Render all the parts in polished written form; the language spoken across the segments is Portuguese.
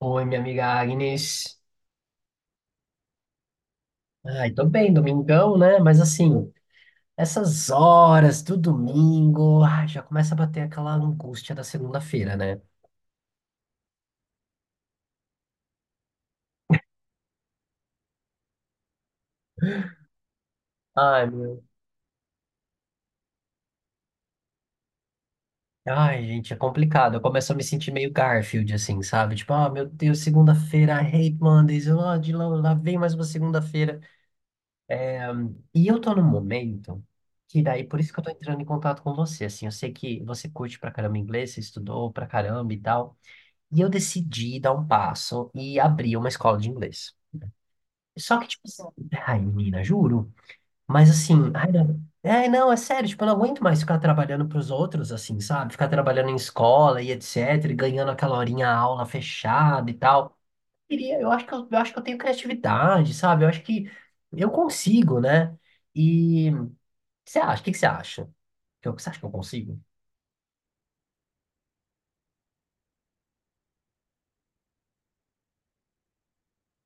Oi, minha amiga Agnes. Ai, tô bem, domingão, né? Mas assim, essas horas do domingo, ai, já começa a bater aquela angústia da segunda-feira, né? Ai, meu. Ai, gente, é complicado. Eu começo a me sentir meio Garfield, assim, sabe? Tipo, ah, meu Deus, segunda-feira, I hate Mondays, eu, ah, de lá, lá vem mais uma segunda-feira. E eu tô num momento que daí, por isso que eu tô entrando em contato com você, assim, eu sei que você curte pra caramba inglês, você estudou pra caramba e tal. E eu decidi dar um passo e abrir uma escola de inglês. Só que, tipo assim, ai, menina, juro. Mas assim, ai, não. É, não, é sério, tipo, eu não aguento mais ficar trabalhando pros outros, assim, sabe? Ficar trabalhando em escola e etc, e ganhando aquela horinha a aula fechada e tal. Queria- Eu acho que eu acho que eu tenho criatividade, sabe? Eu acho que eu consigo, né? E o que você acha? O que que você acha? Que eu- Você acha que eu consigo?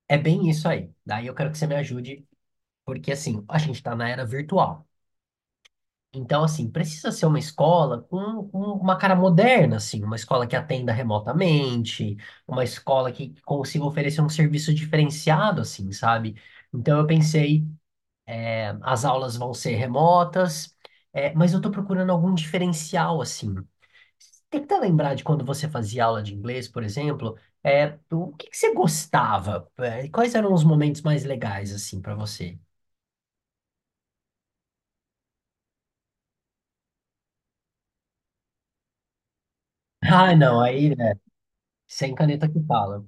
É bem isso aí. Daí eu quero que você me ajude, porque assim, a gente tá na era virtual. Então, assim, precisa ser uma escola com uma cara moderna, assim, uma escola que atenda remotamente, uma escola que consiga oferecer um serviço diferenciado, assim, sabe? Então, eu pensei, as aulas vão ser remotas, mas eu tô procurando algum diferencial, assim. Tenta lembrar de quando você fazia aula de inglês, por exemplo, é o que que você gostava? Quais eram os momentos mais legais, assim, para você? Ah, não, aí, né, sem caneta que fala,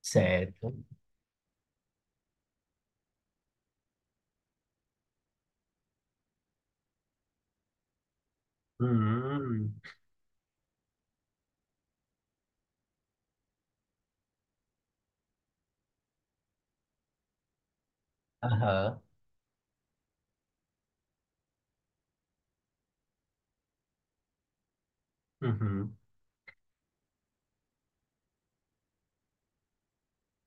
certo. Hum, aham, uhum.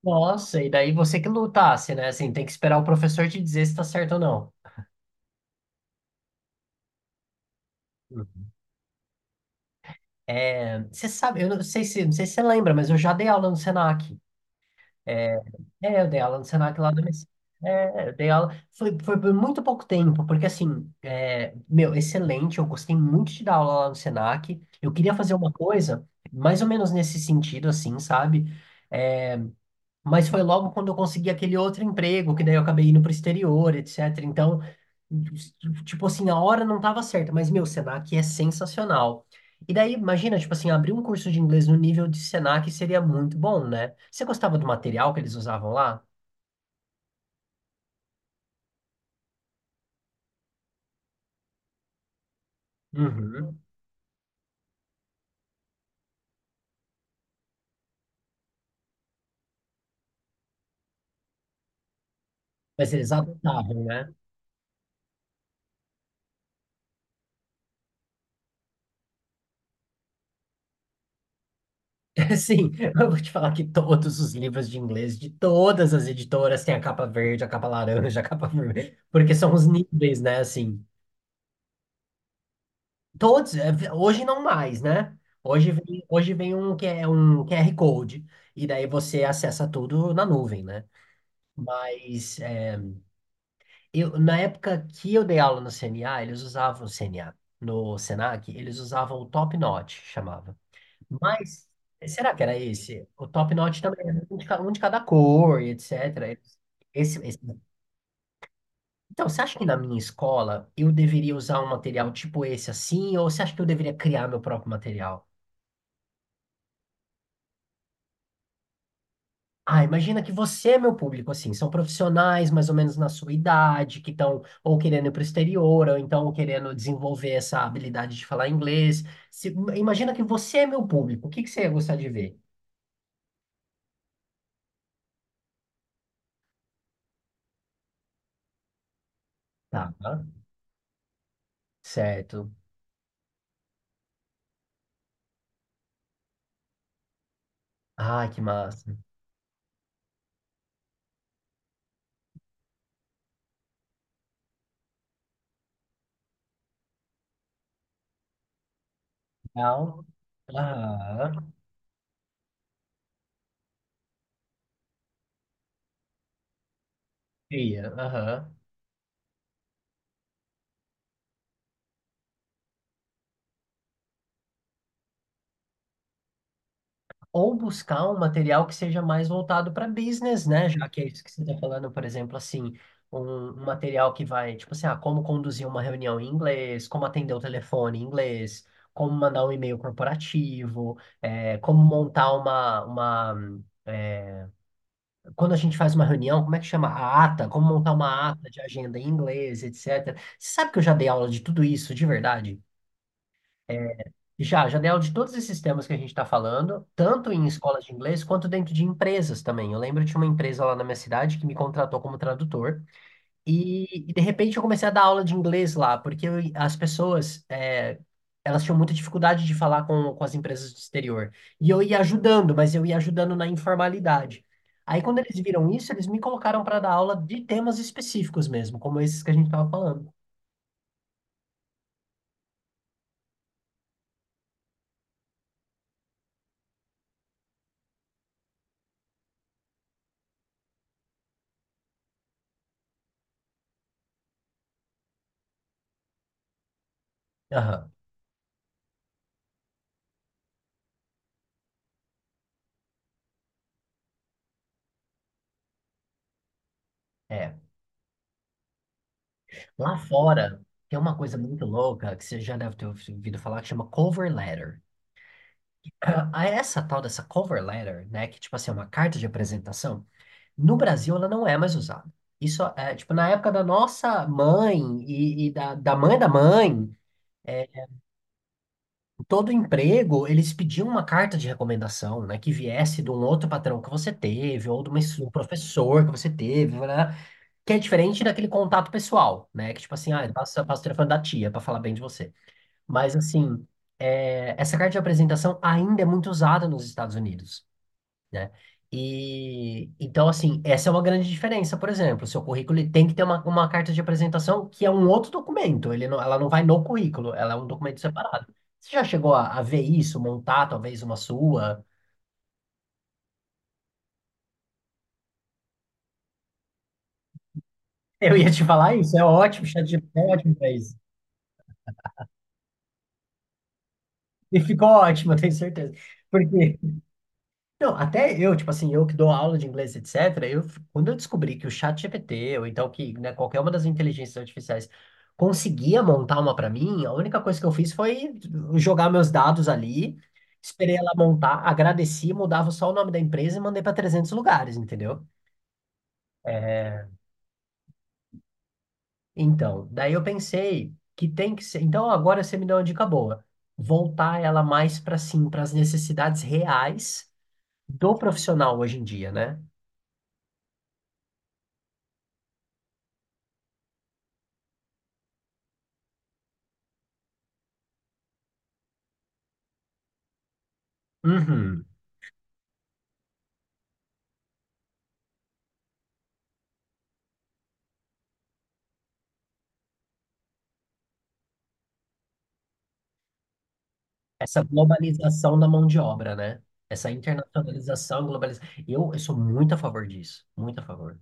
Nossa, e daí você que lutasse, né? Assim, tem que esperar o professor te dizer se tá certo ou não. Uhum. É, você sabe, eu não sei se, não sei se você lembra, mas eu já dei aula no Senac. É, eu dei aula no Senac lá do MS. É, eu dei aula. Foi, foi por muito pouco tempo, porque assim, é, meu, excelente, eu gostei muito de dar aula lá no Senac. Eu queria fazer uma coisa mais ou menos nesse sentido, assim, sabe? É, mas foi logo quando eu consegui aquele outro emprego, que daí eu acabei indo pro exterior, etc. Então, tipo assim, a hora não tava certa, mas meu, Senac é sensacional. E daí, imagina, tipo assim, abrir um curso de inglês no nível de Senac seria muito bom, né? Você gostava do material que eles usavam lá? Uhum. Mas eles adotavam, né? Sim, eu vou te falar que todos os livros de inglês de todas as editoras têm a capa verde, a capa laranja, a capa vermelha, porque são os níveis, né? Assim. Todos, é, vi- hoje não mais, né? Hoje vem um, que é um QR Code, e daí você acessa tudo na nuvem, né? Mas é, eu, na época que eu dei aula no CNA, eles usavam o CNA. No Senac, eles usavam o Top Notch, chamava. Mas será que era esse? O Top Notch também era um de ca- um de cada cor, e etc. Eles- Esse- Então, você acha que na minha escola eu deveria usar um material tipo esse assim, ou você acha que eu deveria criar meu próprio material? Ah, imagina que você é meu público, assim, são profissionais mais ou menos na sua idade, que estão ou querendo ir para o exterior, ou então querendo desenvolver essa habilidade de falar inglês. Se- imagina que você é meu público, o que que você ia gostar de ver? Tá, certo. Ah, que massa. Legal. Aham. Cria, aham. Ou buscar um material que seja mais voltado para business, né? Já que é isso que você está falando, por exemplo, assim, um, um material que vai, tipo assim, ah, como conduzir uma reunião em inglês, como atender o telefone em inglês, como mandar um e-mail corporativo, como montar uma eh, quando a gente faz uma reunião, como é que chama? A ata, como montar uma ata de agenda em inglês, etc. Você sabe que eu já dei aula de tudo isso, de verdade? Já, já dei aula de todos esses temas que a gente está falando, tanto em escolas de inglês quanto dentro de empresas também. Eu lembro de uma empresa lá na minha cidade que me contratou como tradutor de repente eu comecei a dar aula de inglês lá, porque eu- as pessoas, é, elas tinham muita dificuldade de falar com as empresas do exterior. E eu ia ajudando, mas eu ia ajudando na informalidade. Aí quando eles viram isso, eles me colocaram para dar aula de temas específicos mesmo, como esses que a gente estava falando. Aham, é. Lá fora, tem uma coisa muito louca que você já deve ter ouvido falar que chama cover letter. A essa tal dessa cover letter, né, que tipo assim, é uma carta de apresentação, no Brasil ela não é mais usada. Isso é, tipo, na época da nossa mãe da, da mãe, é, em todo emprego, eles pediam uma carta de recomendação, né, que viesse de um outro patrão que você teve, ou de uma, de um professor que você teve, né, que é diferente daquele contato pessoal, né, que tipo assim, ah, passa, passa o telefone da tia para falar bem de você. Mas, assim, é, essa carta de apresentação ainda é muito usada nos Estados Unidos, né? E, então, assim, essa é uma grande diferença, por exemplo. O seu currículo ele tem que ter uma carta de apresentação que é um outro documento. Ele não- ela não vai no currículo, ela é um documento separado. Você já chegou a ver isso, montar talvez uma sua? Eu ia te falar isso, é ótimo, o ChatGPT é ótimo para isso. E ficou ótimo, eu tenho certeza. Porque não, até eu, tipo assim, eu que dou aula de inglês, etc., eu, quando eu descobri que o chat GPT ou então que, né, qualquer uma das inteligências artificiais conseguia montar uma para mim, a única coisa que eu fiz foi jogar meus dados ali, esperei ela montar, agradeci, mudava só o nome da empresa e mandei para 300 lugares, entendeu? Então, daí eu pensei que tem que ser. Então, agora você me deu uma dica boa. Voltar ela mais para sim, para as necessidades reais do profissional hoje em dia, né? Uhum. Essa globalização da mão de obra, né? Essa internacionalização, globalização. Eu sou muito a favor disso, muito a favor.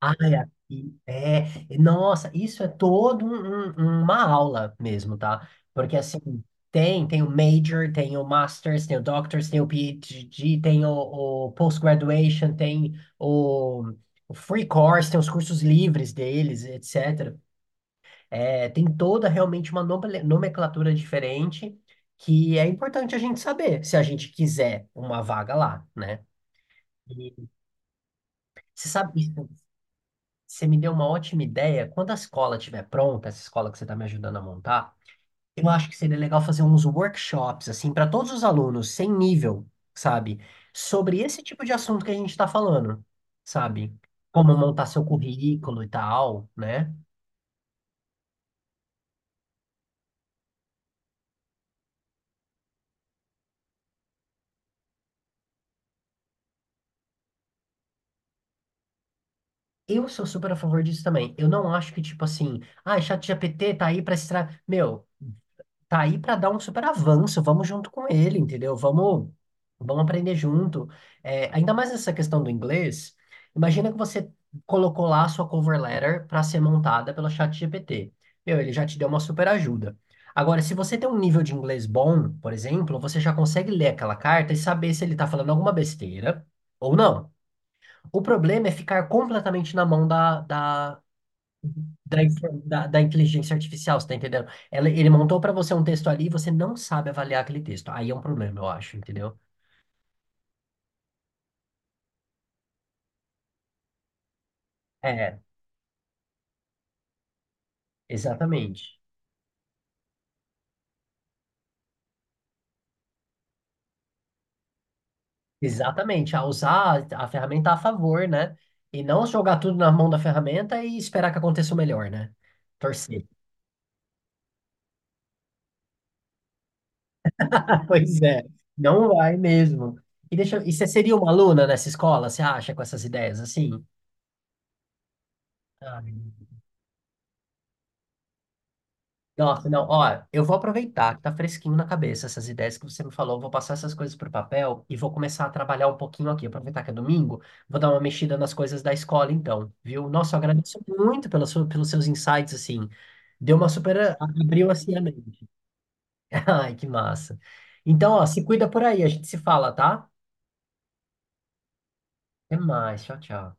Ai, aqui, é, nossa, isso é todo um- um- uma aula mesmo, tá? Porque assim, tem, tem o major, tem o master's, tem o doctor's, tem o PhD, tem o post-graduation, tem o free course, tem os cursos livres deles, etc. É, tem toda realmente uma nome- nomenclatura diferente que é importante a gente saber se a gente quiser uma vaga lá, né? E você sabe, isso- você me deu uma ótima ideia. Quando a escola estiver pronta, essa escola que você está me ajudando a montar, eu acho que seria legal fazer uns workshops, assim, para todos os alunos, sem nível, sabe? Sobre esse tipo de assunto que a gente está falando, sabe? Como montar seu currículo e tal, né? Eu sou super a favor disso também. Eu não acho que, tipo assim, ah, é ChatGPT tá aí pra extrair. Meu, tá aí pra dar um super avanço, vamos junto com ele, entendeu? Vamos, vamos aprender junto. É, ainda mais essa questão do inglês. Imagina que você colocou lá a sua cover letter pra ser montada pelo ChatGPT. Meu, ele já te deu uma super ajuda. Agora, se você tem um nível de inglês bom, por exemplo, você já consegue ler aquela carta e saber se ele tá falando alguma besteira ou não. O problema é ficar completamente na mão da infor- da- da inteligência artificial, você tá entendendo? Ela- ele montou para você um texto ali e você não sabe avaliar aquele texto. Aí é um problema, eu acho, entendeu? É, exatamente. Exatamente. A usar a ferramenta a favor, né? E não jogar tudo na mão da ferramenta e esperar que aconteça o melhor, né? Torcer. Pois é. Não vai mesmo. E, deixa, eu- e você seria uma aluna nessa escola, você acha, com essas ideias assim? Ah, nossa, não, ó, eu vou aproveitar que tá fresquinho na cabeça essas ideias que você me falou, vou passar essas coisas pro papel e vou começar a trabalhar um pouquinho aqui, aproveitar que é domingo, vou dar uma mexida nas coisas da escola então, viu? Nossa, eu agradeço muito pela sua, pelos seus insights, assim, deu uma super, abriu assim a mente. Ai, que massa. Então, ó, se cuida por aí, a gente se fala, tá? Até mais, tchau, tchau.